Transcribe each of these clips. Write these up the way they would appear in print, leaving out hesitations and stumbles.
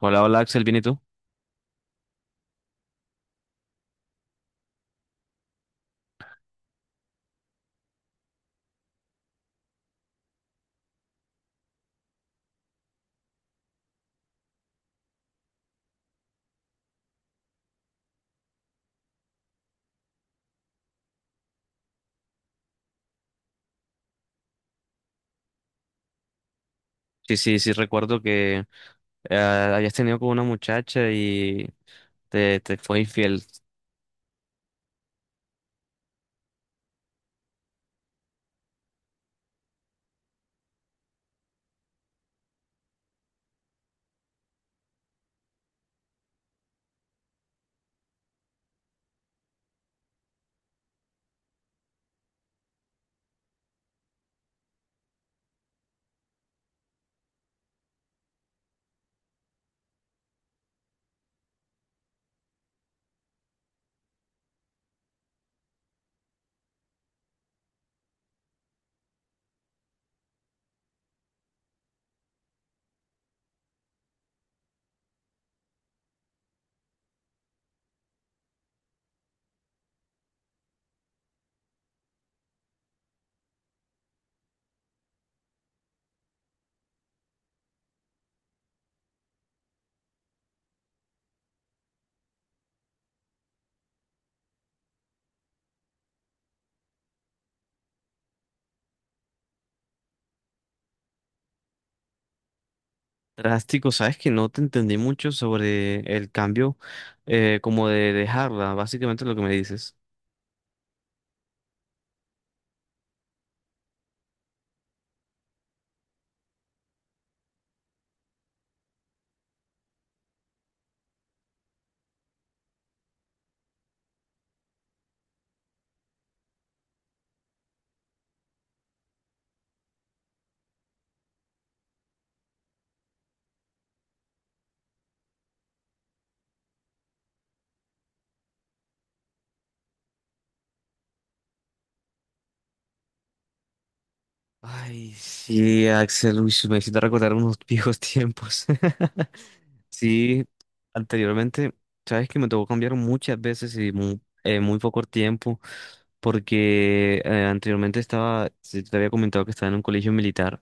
Hola, hola Axel, ¿bien y tú? Sí, sí, sí, recuerdo que habías tenido con una muchacha y te fue infiel. Drástico, sabes que no te entendí mucho sobre el cambio, como de dejarla, básicamente lo que me dices. Ay, sí, Axel, uy, me hiciste recordar unos viejos tiempos. Sí, anteriormente, sabes que me tocó cambiar muchas veces y muy, muy poco tiempo, porque anteriormente estaba, sí, te había comentado que estaba en un colegio militar,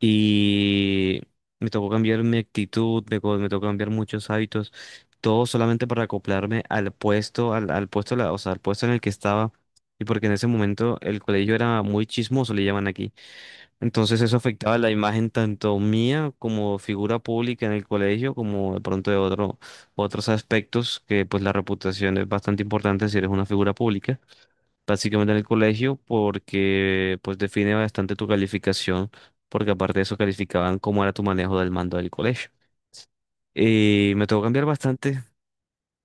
y me tocó cambiar mi actitud, me tocó cambiar muchos hábitos, todo solamente para acoplarme al puesto, al puesto, o sea, al puesto en el que estaba, y porque en ese momento el colegio era muy chismoso, le llaman aquí. Entonces eso afectaba la imagen tanto mía como figura pública en el colegio, como de pronto de otro, otros aspectos, que pues la reputación es bastante importante si eres una figura pública, básicamente en el colegio, porque pues define bastante tu calificación, porque aparte de eso calificaban cómo era tu manejo del mando del colegio. Y me tocó cambiar bastantes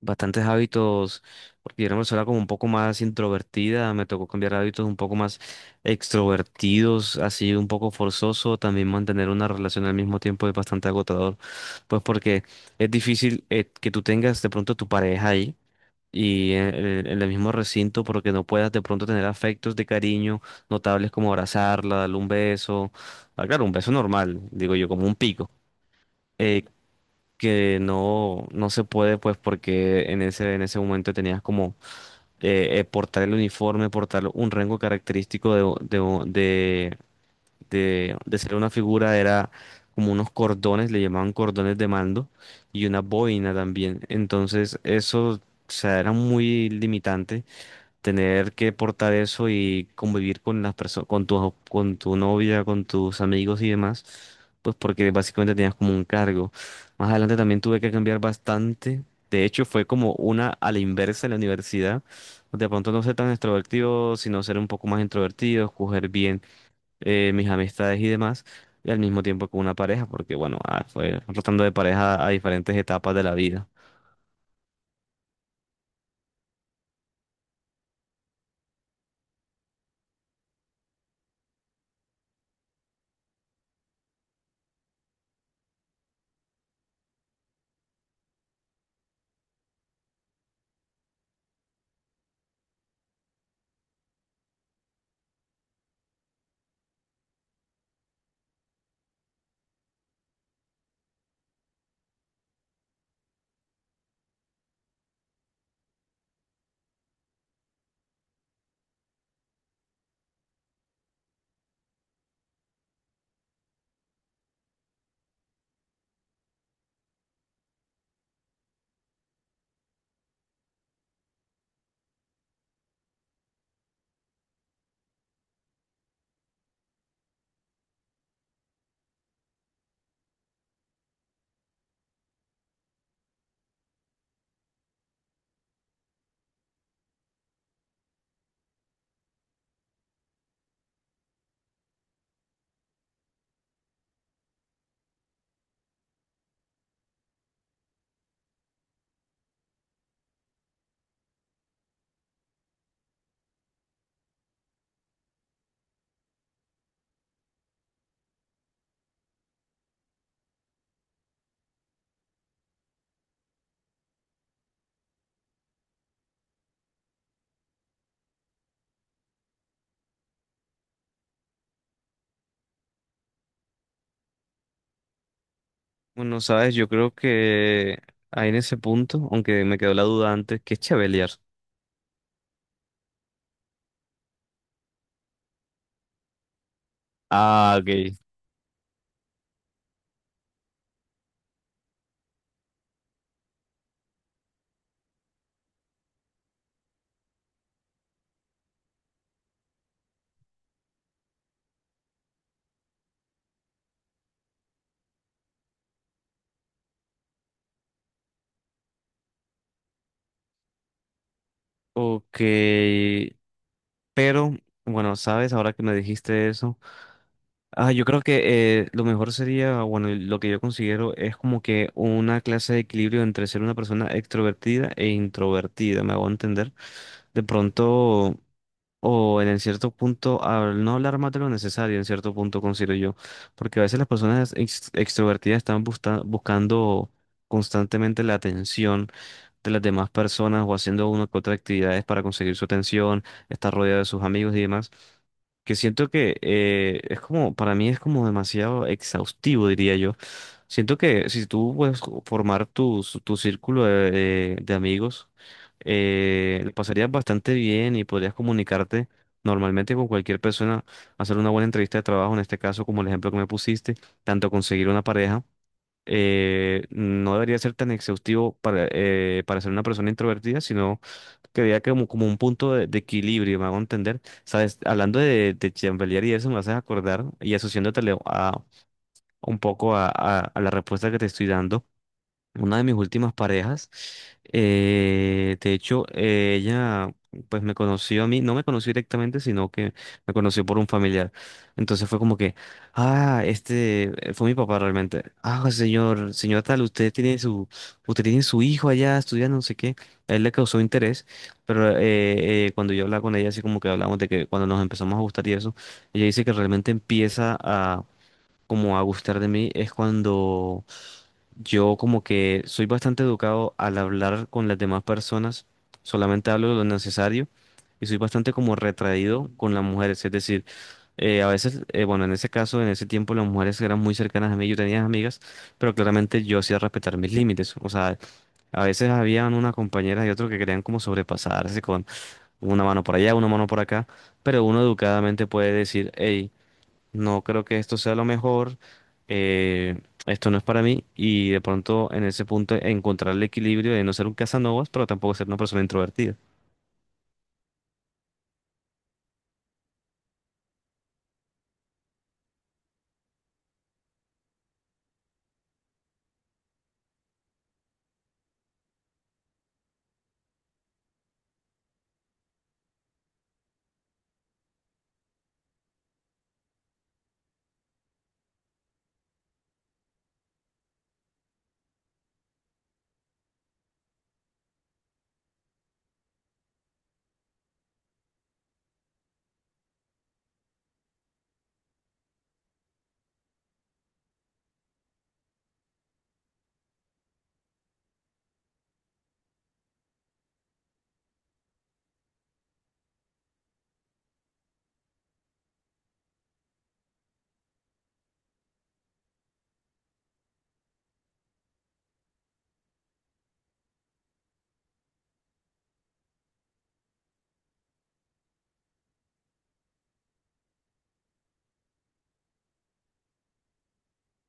bastantes hábitos, porque yo era una persona como un poco más introvertida, me tocó cambiar hábitos un poco más extrovertidos, así un poco forzoso. También mantener una relación al mismo tiempo es bastante agotador, pues porque es difícil que tú tengas de pronto tu pareja ahí. Y en el mismo recinto, porque no puedas de pronto tener afectos de cariño notables como abrazarla, darle un beso. Ah, claro, un beso normal, digo yo, como un pico, eh, que no, no se puede, pues porque en en ese momento tenías como portar el uniforme, portar un rango característico de ser una figura. Era como unos cordones, le llamaban cordones de mando, y una boina también. Entonces eso, o sea, era muy limitante tener que portar eso y convivir con las personas, con tu novia, con tus amigos y demás, pues porque básicamente tenías como un cargo. Más adelante también tuve que cambiar bastante. De hecho, fue como una a la inversa en la universidad. De pronto no ser tan extrovertido, sino ser un poco más introvertido, escoger bien mis amistades y demás. Y al mismo tiempo con una pareja, porque bueno, ah, fue rotando de pareja a diferentes etapas de la vida. Bueno, sabes, yo creo que ahí en ese punto, aunque me quedó la duda antes, que es Chevalier? Ah, ok. Ok, pero bueno, sabes, ahora que me dijiste eso, ah, yo creo que, lo mejor sería, bueno, lo que yo considero es como que una clase de equilibrio entre ser una persona extrovertida e introvertida, me hago entender. De pronto. O en cierto punto, al no hablar más de lo necesario, en cierto punto considero yo, porque a veces las personas extrovertidas están buscando constantemente la atención de las demás personas, o haciendo una que otra actividades para conseguir su atención, estar rodeado de sus amigos y demás, que siento que, es como, para mí es como demasiado exhaustivo, diría yo. Siento que si tú puedes formar tu círculo de amigos, lo pasarías bastante bien y podrías comunicarte normalmente con cualquier persona, hacer una buena entrevista de trabajo, en este caso, como el ejemplo que me pusiste. Tanto conseguir una pareja no debería ser tan exhaustivo para ser una persona introvertida, sino que vea como, como un punto de equilibrio, me hago entender. Sabes, hablando de chambelear y eso, me haces acordar y asociándotele a un poco a, a la respuesta que te estoy dando, una de mis últimas parejas. Eh, de hecho, ella pues me conoció a mí, no me conoció directamente, sino que me conoció por un familiar. Entonces fue como que, ah, este, fue mi papá realmente. Ah, señor, señora tal, usted tiene su hijo allá estudiando, no sé qué. A él le causó interés, pero cuando yo hablaba con ella, así como que hablábamos de que cuando nos empezamos a gustar y eso, ella dice que realmente empieza a como a gustar de mí es cuando yo como que soy bastante educado al hablar con las demás personas, solamente hablo de lo necesario, y soy bastante como retraído con las mujeres. Es decir, a veces, bueno, en ese caso, en ese tiempo las mujeres eran muy cercanas a mí, yo tenía amigas, pero claramente yo hacía respetar mis límites. O sea, a veces habían una compañera y otro que querían como sobrepasarse con una mano por allá, una mano por acá, pero uno educadamente puede decir, hey, no creo que esto sea lo mejor. eh, Esto no es para mí, y de pronto en ese punto encontrar el equilibrio de no ser un cazanovas pero tampoco ser una persona introvertida.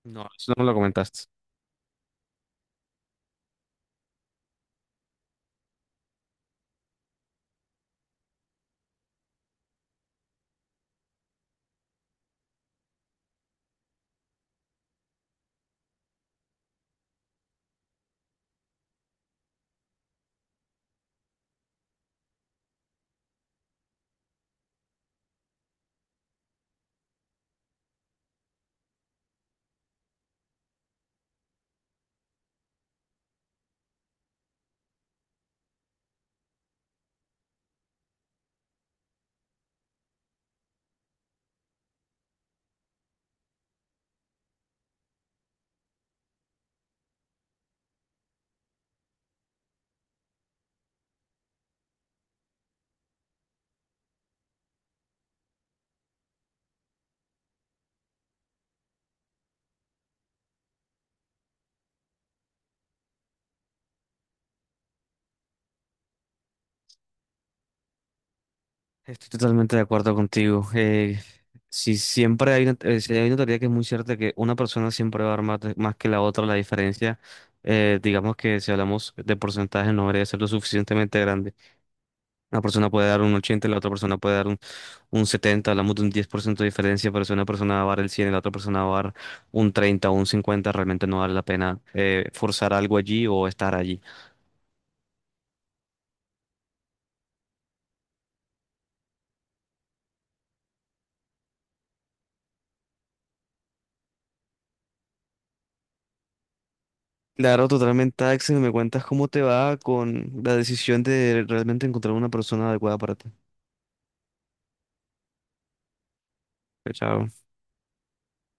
No, eso no me lo comentaste. Estoy totalmente de acuerdo contigo. Si siempre hay una, si hay una teoría que es muy cierta, que una persona siempre va a dar más, más que la otra, la diferencia, digamos que si hablamos de porcentaje, no debería ser lo suficientemente grande. Una persona puede dar un 80, la otra persona puede dar un 70, hablamos de un 10% de diferencia, pero si una persona va a dar el 100 y la otra persona va a dar un 30 o un 50, realmente no vale la pena forzar algo allí o estar allí. Claro, totalmente, Axel, ¿me cuentas cómo te va con la decisión de realmente encontrar una persona adecuada para ti? Chao.